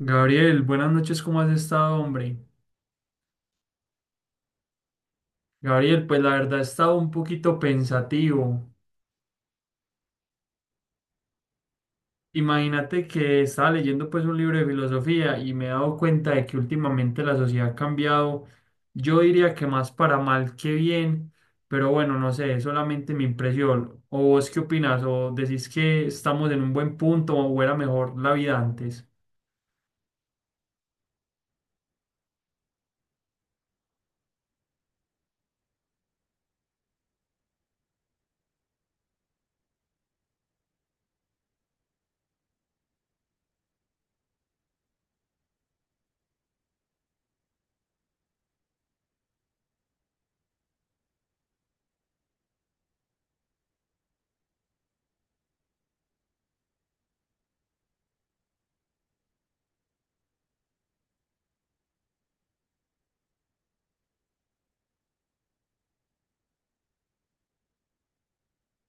Gabriel, buenas noches, ¿cómo has estado, hombre? Gabriel, pues la verdad he estado un poquito pensativo. Imagínate que estaba leyendo pues un libro de filosofía y me he dado cuenta de que últimamente la sociedad ha cambiado, yo diría que más para mal que bien, pero bueno, no sé, es solamente mi impresión. ¿O vos qué opinas? ¿O decís que estamos en un buen punto o era mejor la vida antes?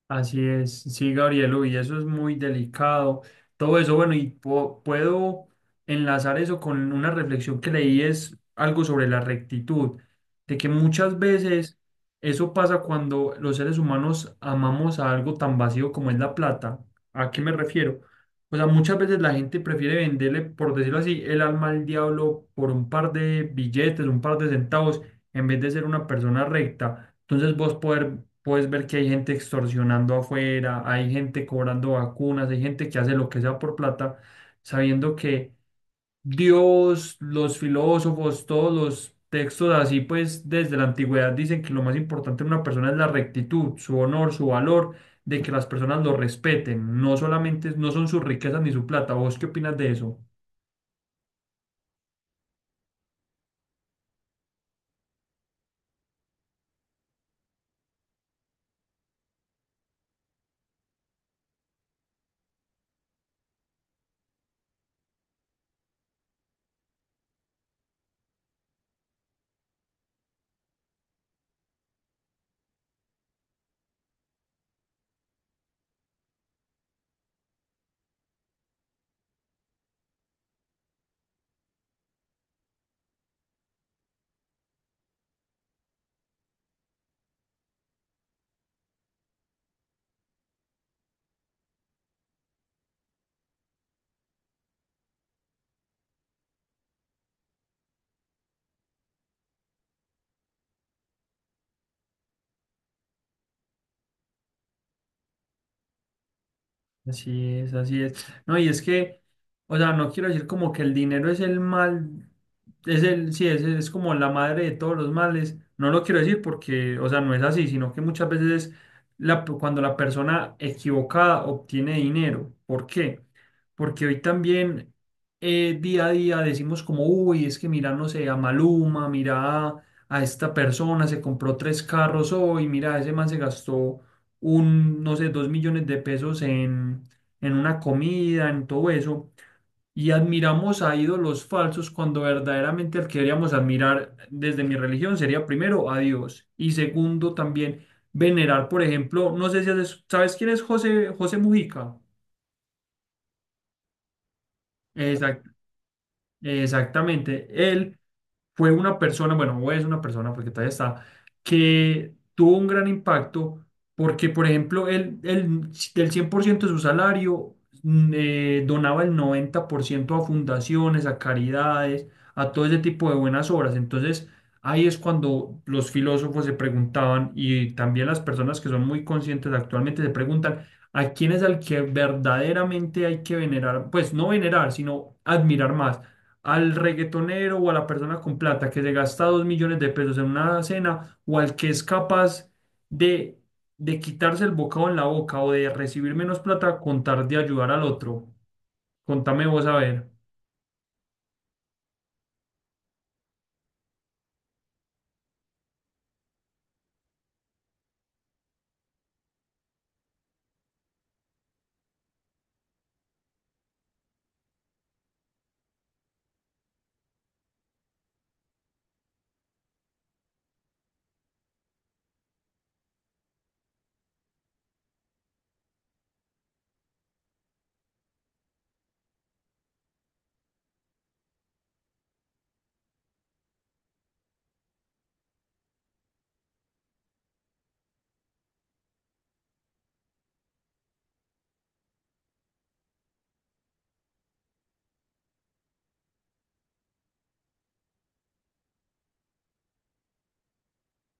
Así es, sí, Gabriel, y eso es muy delicado. Todo eso, bueno, y puedo enlazar eso con una reflexión que leí, es algo sobre la rectitud, de que muchas veces eso pasa cuando los seres humanos amamos a algo tan vacío como es la plata. ¿A qué me refiero? O sea, muchas veces la gente prefiere venderle, por decirlo así, el alma al diablo por un par de billetes, un par de centavos, en vez de ser una persona recta. Entonces vos puedes ver que hay gente extorsionando afuera, hay gente cobrando vacunas, hay gente que hace lo que sea por plata, sabiendo que Dios, los filósofos, todos los textos así, pues desde la antigüedad dicen que lo más importante en una persona es la rectitud, su honor, su valor, de que las personas lo respeten, no solamente no son sus riquezas ni su plata. ¿Vos qué opinas de eso? Así es, así es. No, y es que, o sea, no quiero decir como que el dinero es el mal, sí, es como la madre de todos los males. No lo quiero decir porque, o sea, no es así, sino que muchas veces cuando la persona equivocada obtiene dinero. ¿Por qué? Porque hoy también día a día decimos como, uy, es que mira, no sé, a Maluma, mira a esta persona, se compró tres carros hoy, mira, ese man se gastó no sé, 2 millones de pesos en, una comida, en todo eso. Y admiramos a ídolos falsos cuando verdaderamente el que deberíamos admirar desde mi religión sería primero a Dios y segundo también venerar, por ejemplo, no sé si sabes quién es José, José Mujica. Exacto. Exactamente. Él fue una persona, bueno, o es una persona porque todavía está, que tuvo un gran impacto porque, por ejemplo, él del 100% de su salario donaba el 90% a fundaciones, a caridades, a todo ese tipo de buenas obras. Entonces, ahí es cuando los filósofos se preguntaban y también las personas que son muy conscientes actualmente se preguntan. ¿A quién es al que verdaderamente hay que venerar? Pues no venerar, sino admirar más al reggaetonero o a la persona con plata que se gasta 2 millones de pesos en una cena o al que es capaz de, de, quitarse el bocado en la boca o de recibir menos plata contar de ayudar al otro. Contame vos a ver.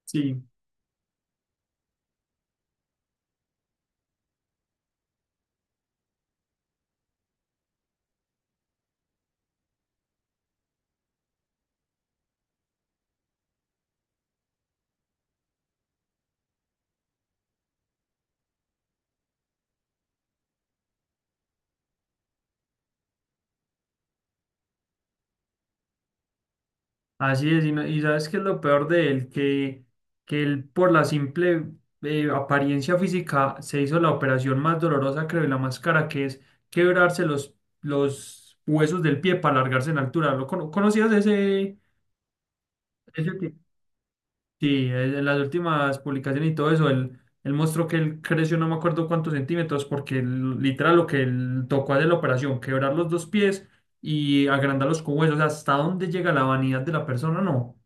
Sí, así es. Y, y sabes qué es lo peor de él, que él por la simple apariencia física se hizo la operación más dolorosa, creo, de la máscara, que es quebrarse los huesos del pie para alargarse en altura. ¿Lo conocías ese, ese? Sí, en las últimas publicaciones y todo eso, él mostró que él creció no me acuerdo cuántos centímetros, porque literal lo que él tocó hacer la operación, quebrar los dos pies y agrandar los cubos, o sea, hasta dónde llega la vanidad de la persona, no.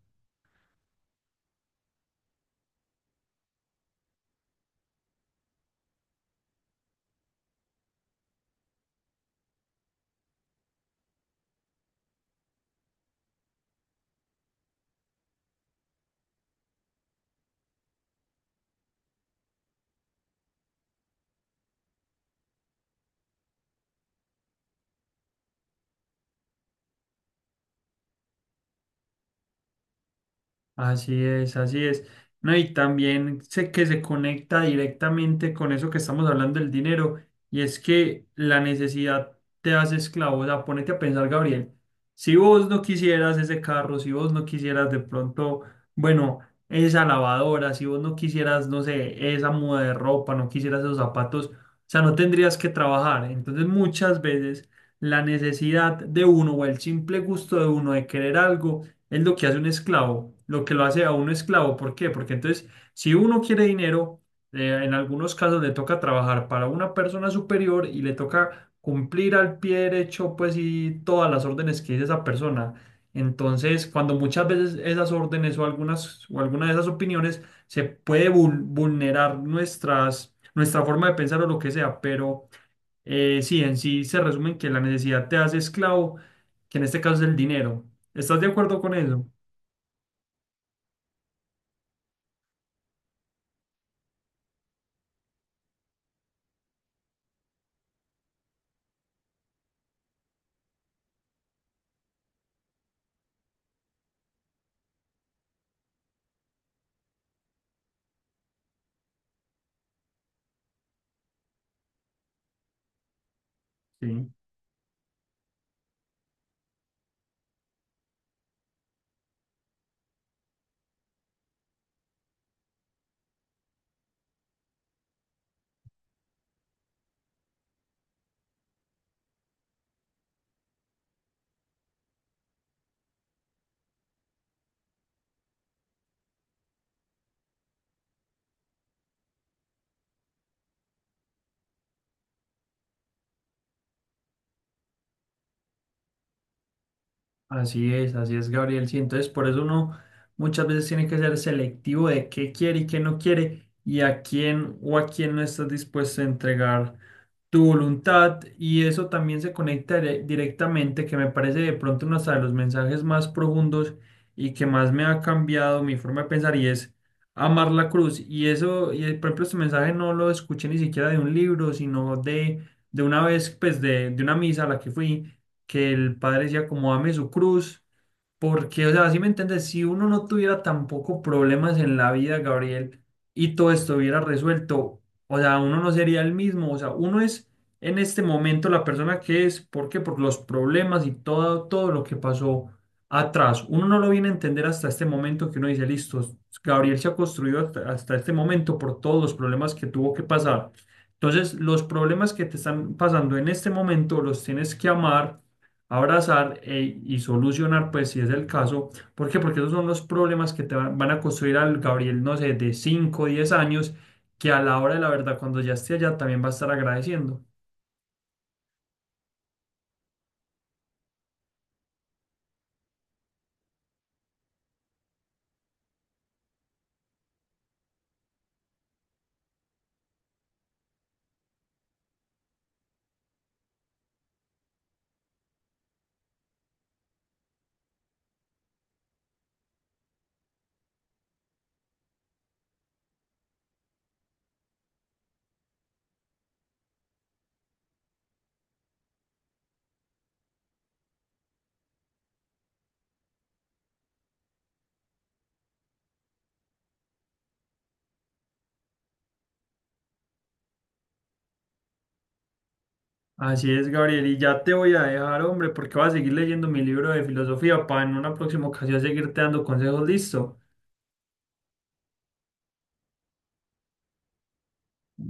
Así es, así es. No, y también sé que se conecta directamente con eso que estamos hablando del dinero, y es que la necesidad te hace esclavo. O sea, ponete a pensar, Gabriel, si vos no quisieras ese carro, si vos no quisieras de pronto, bueno, esa lavadora, si vos no quisieras, no sé, esa muda de ropa, no quisieras esos zapatos, o sea, no tendrías que trabajar. Entonces, muchas veces la necesidad de uno o el simple gusto de uno de querer algo es lo que hace un esclavo, lo que lo hace a un esclavo. ¿Por qué? Porque entonces, si uno quiere dinero, en algunos casos le toca trabajar para una persona superior y le toca cumplir al pie derecho, pues, y todas las órdenes que dice esa persona. Entonces, cuando muchas veces esas órdenes o algunas o alguna de esas opiniones se puede vulnerar nuestra forma de pensar o lo que sea, pero sí, en sí se resume en que la necesidad te hace esclavo, que en este caso es el dinero. ¿Estás de acuerdo con eso? Sí, así es, Gabriel. Sí, entonces por eso uno muchas veces tiene que ser selectivo de qué quiere y qué no quiere y a quién o a quién no estás dispuesto a entregar. Tu voluntad y eso también se conecta directamente, que me parece de pronto uno hasta de los mensajes más profundos y que más me ha cambiado mi forma de pensar y es amar la cruz. Y eso, y por ejemplo, este mensaje no lo escuché ni siquiera de un libro, sino de una vez, pues de una misa a la que fui, que el padre decía como ame su cruz. Porque, o sea, si me entiendes, si uno no tuviera tampoco problemas en la vida, Gabriel, y todo estuviera resuelto, o sea, uno no sería el mismo, o sea, uno es en este momento la persona que es, ¿por qué? Por los problemas y todo, todo lo que pasó atrás. Uno no lo viene a entender hasta este momento que uno dice, listo, Gabriel se ha construido hasta este momento por todos los problemas que tuvo que pasar. Entonces, los problemas que te están pasando en este momento los tienes que amar abrazar y solucionar, pues si es el caso. ¿Por qué? Porque esos son los problemas que te van a construir al Gabriel, no sé, de 5 o 10 años, que a la hora de la verdad, cuando ya esté allá, también va a estar agradeciendo. Así es, Gabriel, y ya te voy a dejar, hombre, porque voy a seguir leyendo mi libro de filosofía para en una próxima ocasión seguirte dando consejos. Listo.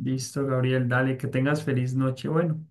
Listo, Gabriel, dale, que tengas feliz noche. Bueno.